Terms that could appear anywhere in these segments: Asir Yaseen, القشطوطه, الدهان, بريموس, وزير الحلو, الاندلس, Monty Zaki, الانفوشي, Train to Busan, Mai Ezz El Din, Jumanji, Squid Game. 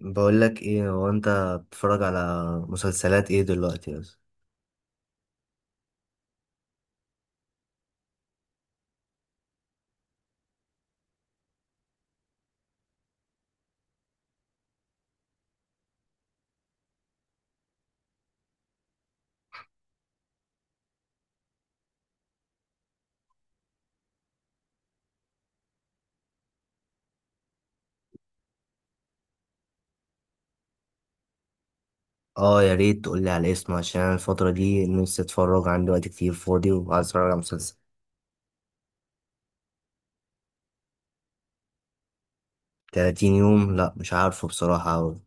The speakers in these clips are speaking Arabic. بقول لك ايه. هو انت بتتفرج على مسلسلات ايه دلوقتي؟ بس اه، يا ريت تقول لي على اسمه عشان انا الفتره دي نفسي اتفرج، عندي وقت كتير فاضي وعايز اتفرج على مسلسل. 30 يوم؟ لا مش عارفه بصراحه أوي.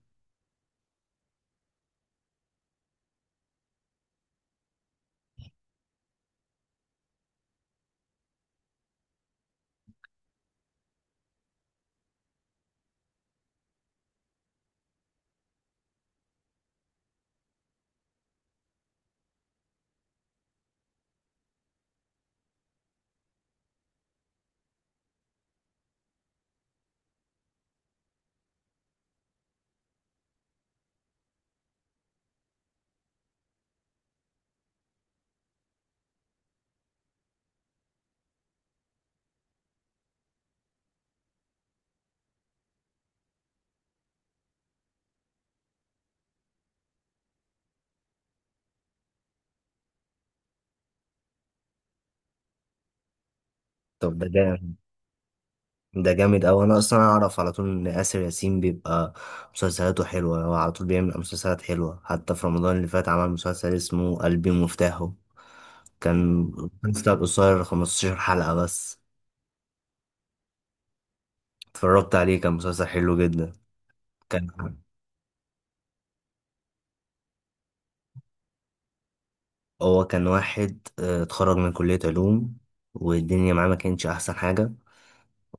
طب ده جامد. ده جامد اوي، انا اصلا اعرف على طول ان اسر ياسين بيبقى مسلسلاته حلوه، هو على طول بيعمل مسلسلات حلوه، حتى في رمضان اللي فات عمل مسلسل اسمه قلبي مفتاحه، كان مسلسل قصير 15 حلقه بس. اتفرجت عليه، كان مسلسل حلو جدا. كان، هو كان واحد اتخرج من كلية علوم والدنيا معاه ما كانتش أحسن حاجة،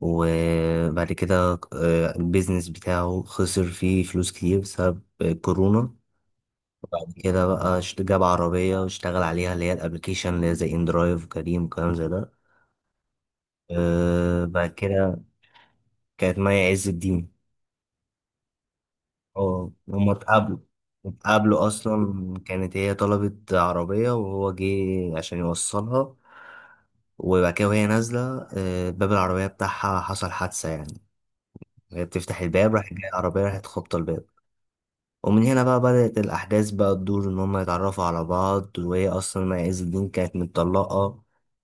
وبعد كده البيزنس بتاعه خسر فيه فلوس كتير بسبب كورونا، وبعد كده بقى جاب عربية واشتغل عليها اللي هي الأبليكيشن اللي هي زي إندرايف وكريم وكلام زي ده. بعد كده كانت مي عز الدين. اه هما اتقابلوا، اتقابلوا اصلا كانت هي طلبت عربية وهو جه عشان يوصلها، وبعد كده وهي نازلة باب العربية بتاعها حصل حادثة يعني، هي بتفتح الباب راح جاي العربية راحت خبطة الباب. ومن هنا بقى بدأت الأحداث بقى تدور إن هما يتعرفوا على بعض، وهي أصلا ما عز الدين كانت متطلقة،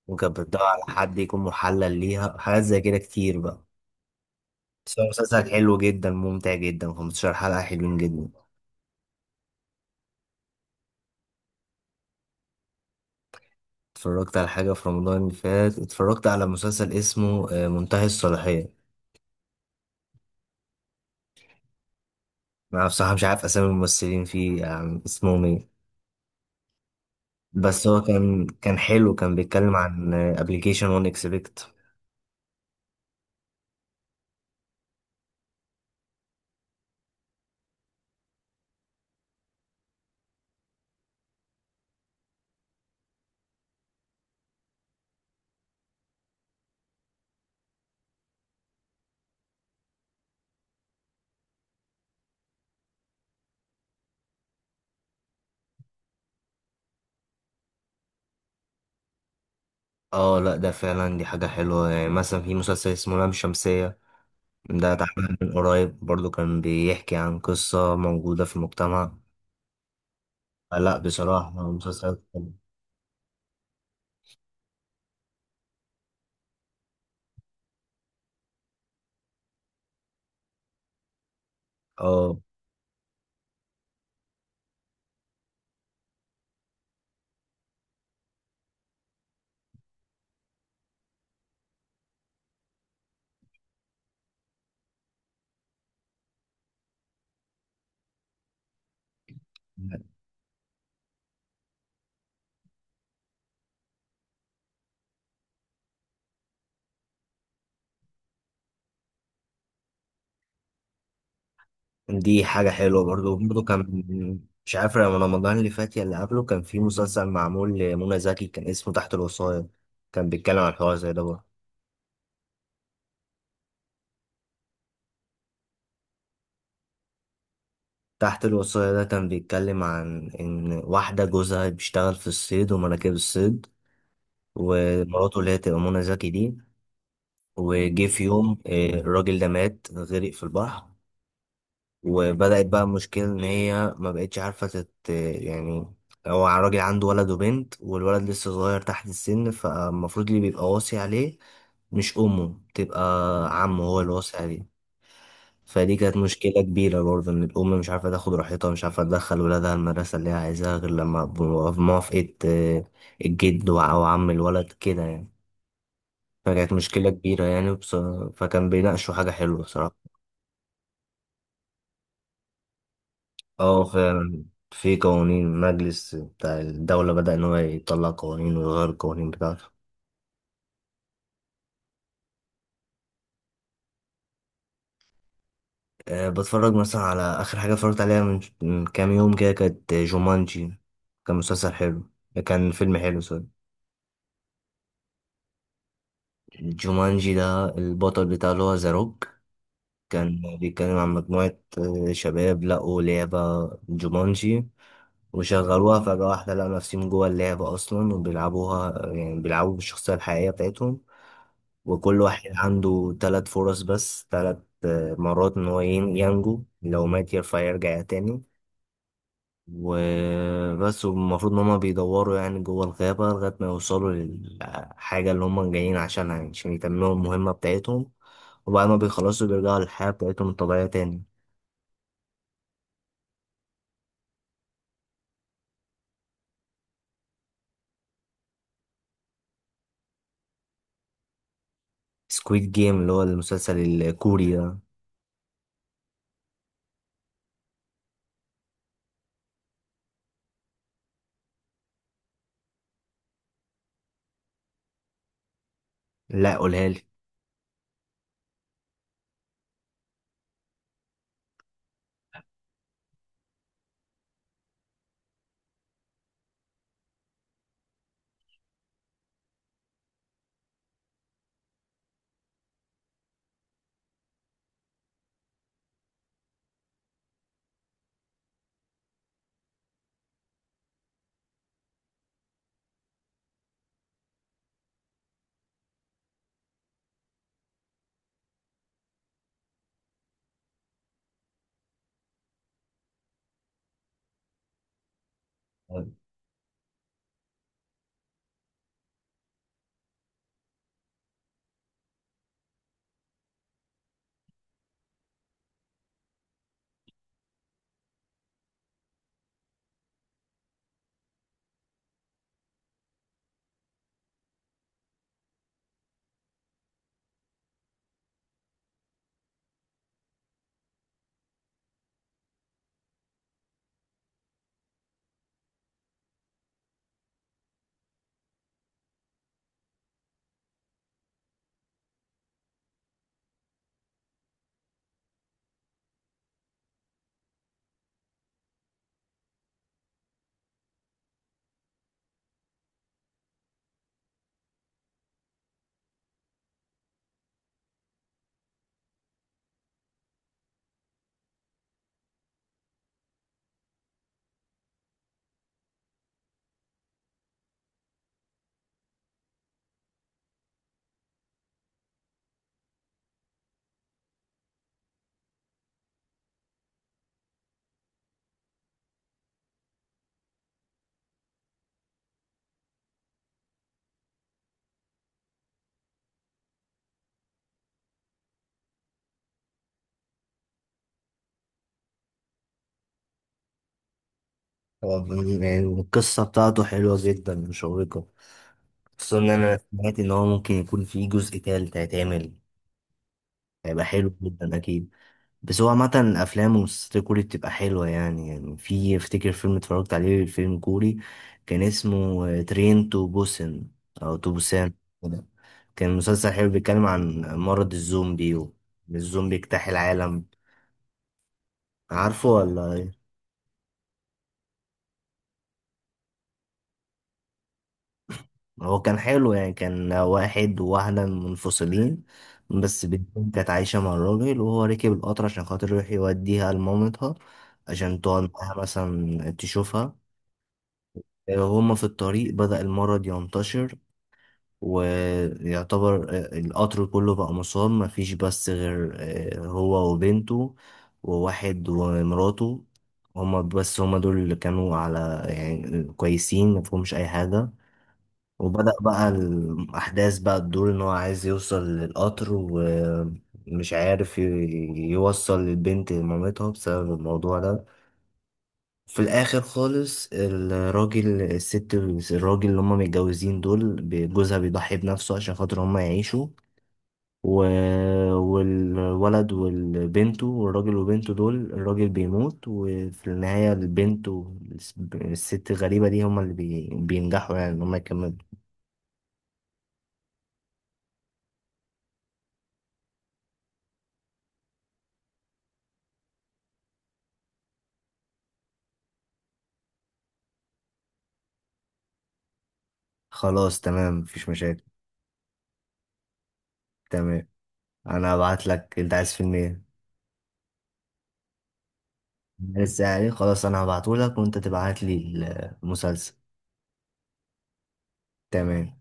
وكانت بتدور على حد يكون محلل ليها حاجات زي كده كتير بقى. بس هو مسلسل حلو جدا ممتع جدا، 15 حلقة حلوين جدا. اتفرجت على حاجة في رمضان اللي فات، اتفرجت على مسلسل اسمه منتهي الصلاحية. أنا بصراحة مش عارف أسامي الممثلين فيه يعني اسمهم إيه، بس هو كان حلو، كان بيتكلم عن ابلكيشن وان اكسبكت. اه لا، ده فعلا دي حاجة حلوة، يعني مثلا في مسلسل اسمه لام شمسية، ده اتعمل من قريب برضو، كان بيحكي عن قصة موجودة في المجتمع. لا بصراحة مسلسل حلو. اه دي حاجة حلوة برضو. برضو كان، مش عارف رمضان اللي فات يا اللي قبله، كان في مسلسل معمول لمنى زكي كان اسمه تحت الوصاية، كان بيتكلم عن حوار زي ده برضه. تحت الوصاية ده كان بيتكلم عن إن واحدة جوزها بيشتغل في الصيد ومراكب الصيد، ومراته اللي هي تبقى منى زكي دي، وجه في يوم الراجل ده مات غرق في البحر. وبدأت بقى المشكلة إن هي ما بقتش عارفة يعني، هو الراجل عنده ولد وبنت، والولد لسه صغير تحت السن، فالمفروض اللي بيبقى واصي عليه مش أمه، بتبقى عمه هو اللي واصي عليه. فدي كانت مشكلة كبيرة برضه، إن الأم مش عارفة تاخد راحتها، مش عارفة تدخل ولادها المدرسة اللي هي عايزاها غير لما بموافقة الجد أو عم الولد كده يعني، فكانت مشكلة كبيرة يعني فكان بيناقشوا حاجة حلوة بصراحة. اه فعلا، في قوانين مجلس بتاع الدولة بدأ إن هو يطلع قوانين ويغير القوانين بتاعته. أه بتفرج مثلا على آخر حاجة اتفرجت عليها من كام يوم كده كانت جومانجي، كان مسلسل حلو، كان فيلم حلو سوري. جومانجي ده البطل بتاعه اللي هو ذا روك، كان بيتكلم عن مجموعة شباب لقوا لعبة جومانجي وشغلوها فجأة واحدة، لقوا نفسهم جوه اللعبة أصلا وبيلعبوها، يعني بيلعبوا بالشخصية الحقيقية بتاعتهم. وكل واحد عنده ثلاث فرص، بس ثلاث مرات ان هو ينجو، لو مات يرفع يرجع تاني، وبس. والمفروض ان هما بيدوروا يعني جوه الغابة لغاية ما يوصلوا للحاجة اللي هما جايين عشانها، يعني عشان يتمموا المهمة بتاعتهم، وبعد ما بيخلصوا بيرجعوا للحياة بتاعتهم الطبيعية تاني. سكويد جيم اللي هو المسلسل الكوري ده؟ لا قولها لي. هو يعني القصة بتاعته حلوة جدا مشوقة، خصوصا إن أنا سمعت إن هو ممكن يكون في جزء تالت هيتعمل، هيبقى حلو جدا اكيد. بس هو عامة افلام ومسلسلات الكوري بتبقى حلوة يعني، يعني في افتكر فيلم اتفرجت عليه، فيلم كوري كان اسمه ترين تو بوسن او تو بوسان كده. كان مسلسل حلو، بيتكلم عن مرض الزومبي، وان الزومبي اجتاح العالم. عارفه ولا ايه؟ هو كان حلو يعني، كان واحد وواحدة منفصلين، بس بنتهم كانت عايشة مع الراجل، وهو ركب القطر عشان خاطر يروح يوديها لمامتها، عشان تقعد معاها مثلا تشوفها. هما في الطريق بدأ المرض ينتشر، ويعتبر القطر كله بقى مصاب، مفيش بس غير هو وبنته، وواحد ومراته، هما بس، هما دول اللي كانوا على يعني كويسين مفهومش أي حاجة. وبدأ بقى الأحداث بقى تدور إن هو عايز يوصل للقطر، ومش عارف يوصل البنت لمامتها بسبب الموضوع ده. في الاخر خالص الراجل، الست، الراجل اللي هما متجوزين دول، جوزها بيضحي بنفسه عشان خاطر هما يعيشوا، و... والولد والبنت، والراجل وبنته دول الراجل بيموت، وفي النهاية البنت والست الغريبة دي هما اللي بينجحوا يعني ان هما يكملوا. خلاص تمام مفيش مشاكل. تمام، انا هبعت لك. انت عايز فيلم ايه؟ لسه؟ يعني خلاص انا هبعته لك وانت تبعت لي المسلسل. تمام.